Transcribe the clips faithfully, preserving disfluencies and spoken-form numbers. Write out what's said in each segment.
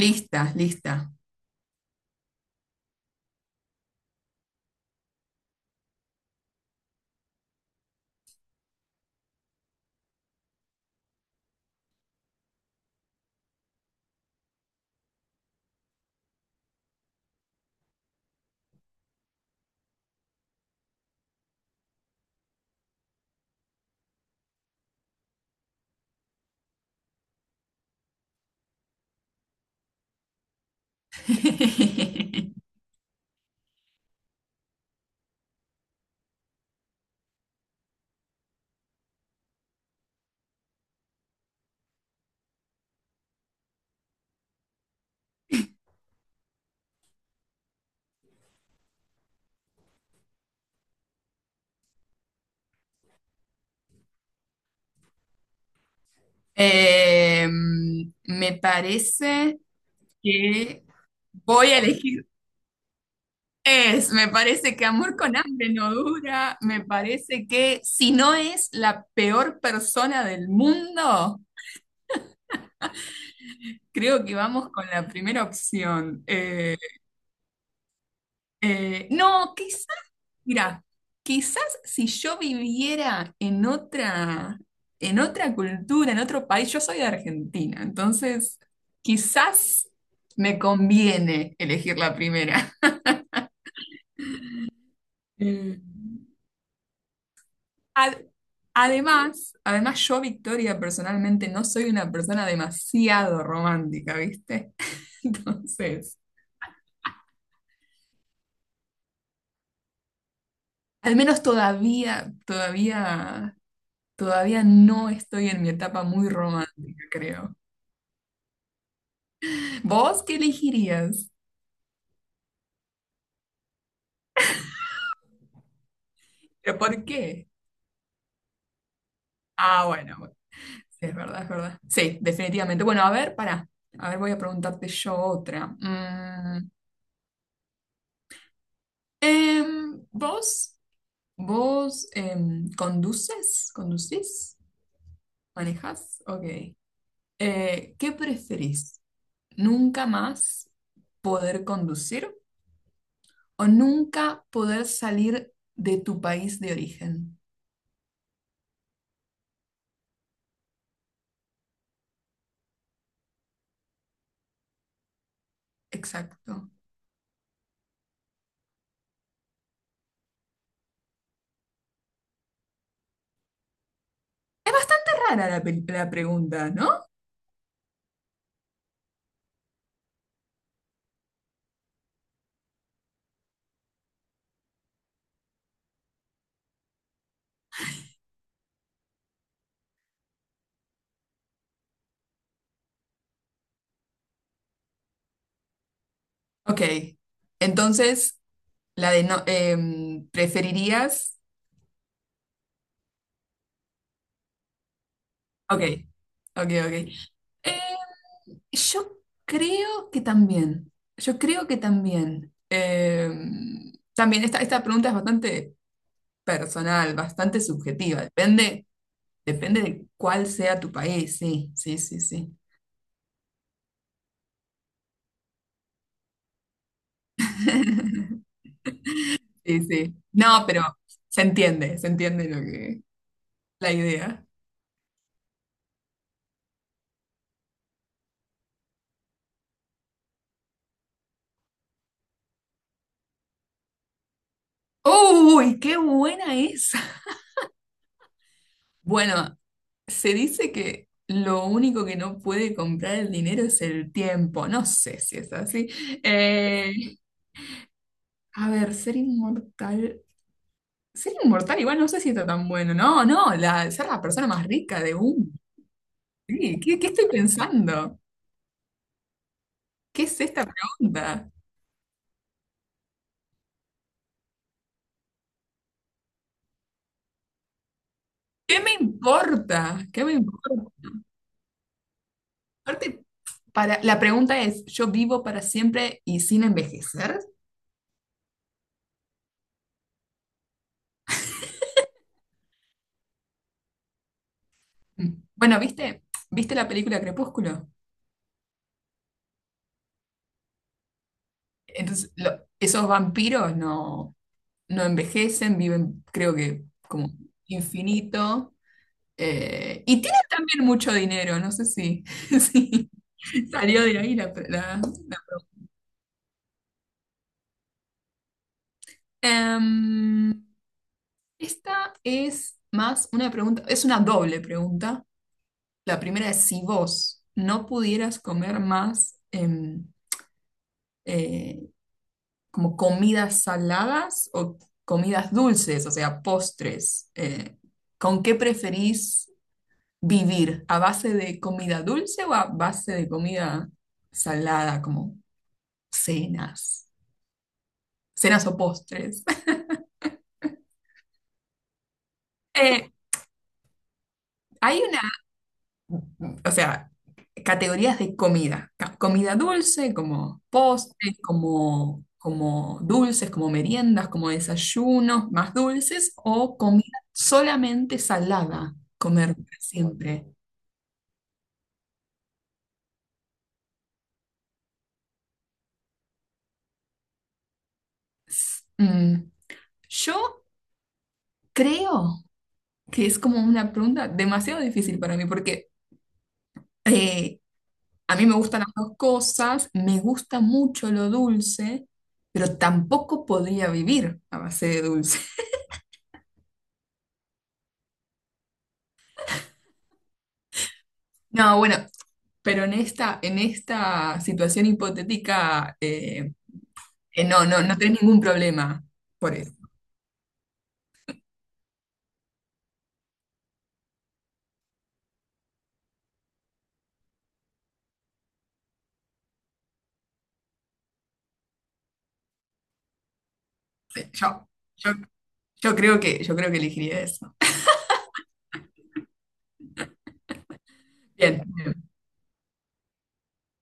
Lista, lista. Eh, Me parece que voy a elegir es, me parece que amor con hambre no dura, me parece que si no es la peor persona del mundo, creo que vamos con la primera opción. Eh, eh, no, ¿qué, mira, quizás si yo viviera en otra, en otra cultura, en otro país, yo soy de Argentina, entonces quizás me conviene elegir la primera. Mm, Ad- Además, además yo, Victoria, personalmente no soy una persona demasiado romántica, ¿viste? Entonces, al menos todavía, todavía, todavía no estoy en mi etapa muy romántica, creo. ¿Vos qué elegirías? ¿Pero por qué? Ah, bueno, bueno, sí, es verdad, es verdad. Sí, definitivamente. Bueno, a ver, para. A ver, voy a preguntarte yo otra. Mm, em, ¿vos, vos em, conduces? ¿Conducís? ¿Manejás? Ok. Eh, ¿qué preferís? ¿Nunca más poder conducir o nunca poder salir de tu país de origen? Exacto. Es bastante rara la, pe- la pregunta, ¿no? Ok. Entonces, la de no, em, ¿preferirías? Ok, ok, ok. Eh, yo creo que también. Yo creo que también. Em, también esta, esta pregunta es bastante personal, bastante subjetiva. Depende, depende de cuál sea tu país. Sí, sí, sí, sí. Sí, sí. No, pero se entiende, se entiende lo que, la idea. ¡Uy, qué buena! Bueno, se dice que lo único que no puede comprar el dinero es el tiempo. No sé si es así. Eh, a ver, ser inmortal. Ser inmortal igual no sé si está tan bueno. No, no, la, ser la persona más rica de un. Sí, ¿qué, qué estoy pensando? ¿Qué es esta pregunta? ¿Qué me importa? ¿Qué me importa? Aparte, para, la pregunta es, ¿yo vivo para siempre y sin envejecer? Mm. Bueno, ¿viste? ¿Viste la película Crepúsculo? Entonces, lo- esos vampiros no, no envejecen, viven, creo que, como infinito. Eh, y tienen también mucho dinero, no sé si, si salió de ahí la, la- Em, esta es más una pregunta, es una doble pregunta. La primera es si vos no pudieras comer más, em, eh, como comidas saladas o comidas dulces, o sea, postres. Eh, ¿con qué preferís vivir? ¿A base de comida dulce o a base de comida salada, como cenas, cenas o postres? Eh, Hay una, o sea, categorías de comida, ca- comida dulce, como postres, como, como dulces, como meriendas, como desayunos más dulces, o comida solamente salada, comer para siempre. S- mm, yo creo que es como una pregunta demasiado difícil para mí, porque eh, a mí me gustan las dos cosas, me gusta mucho lo dulce, pero tampoco podría vivir a base de dulce. No, bueno, pero en esta, en esta situación hipotética, eh, eh, no, no, no tenés ningún problema por eso. Sí. Yo, yo, yo creo que, yo creo que elegiría eso. Bien, bien.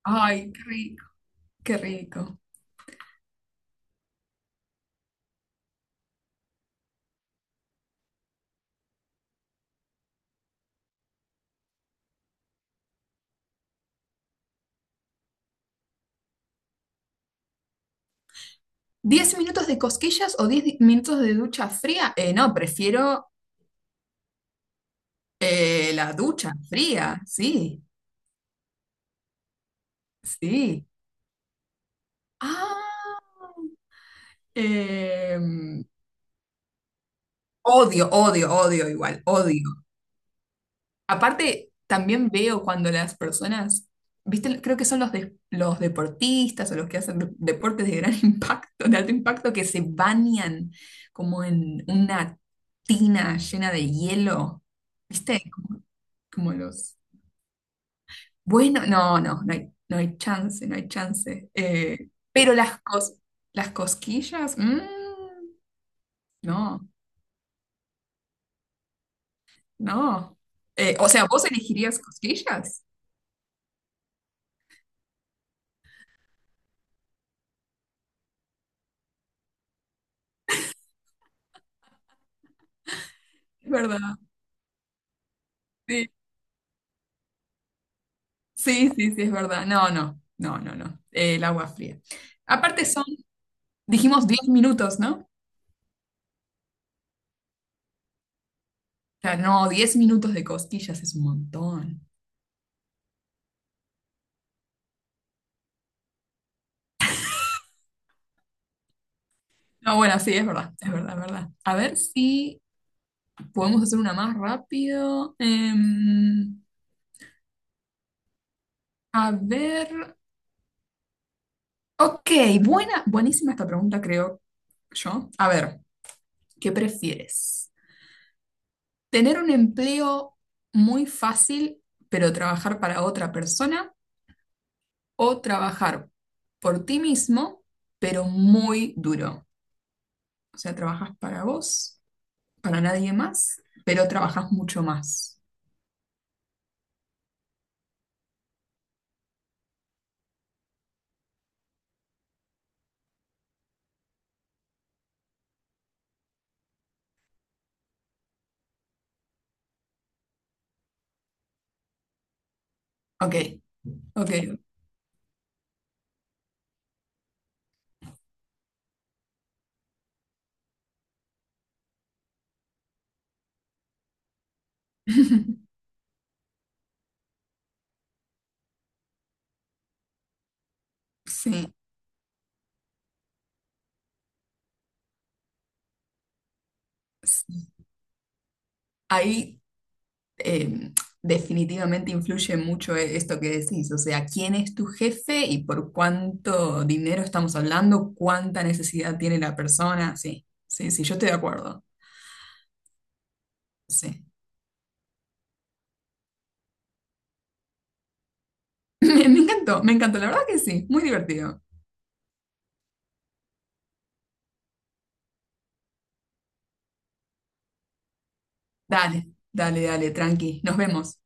Ay, qué rico, qué rico. ¿Diez minutos de cosquillas o diez di- minutos de ducha fría? Eh, no, prefiero eh, la ducha fría, sí, sí. Ah, em, Odio, odio, odio igual, odio. Aparte, también veo cuando las personas, viste, creo que son los, de- los deportistas o los que hacen de- deportes de gran impacto, de alto impacto, que se bañan como en una tina llena de hielo, viste, como, como los... Bueno, no, no, no hay, no hay chance, no hay chance. Eh, pero las, cos- las cosquillas, mm, no, no. Eh, o sea, ¿vos elegirías cosquillas? Es ¿verdad? Sí. Sí, sí, sí, es verdad. No, no, no, no, no. Eh, El agua fría. Aparte son, dijimos diez minutos, ¿no? O sea, no, diez minutos de costillas es un montón. No, bueno, sí, es verdad, es verdad, es verdad. A ver si podemos hacer una más rápido. Em, a ver. Ok, buena, buenísima esta pregunta, creo yo. A ver, ¿qué prefieres? ¿Tener un empleo muy fácil, pero trabajar para otra persona? O trabajar por ti mismo, pero muy duro. O sea, trabajas para vos, para nadie más, pero trabajas mucho más. Ok, ok. Sí, sí. Ahí eh, definitivamente influye mucho e- esto que decís, o sea, quién es tu jefe y por cuánto dinero estamos hablando, cuánta necesidad tiene la persona. Sí, sí, sí, yo estoy de acuerdo. Sí. Me, me encantó, me encantó, la verdad que sí, muy divertido. Dale, dale, dale, tranqui. Nos vemos.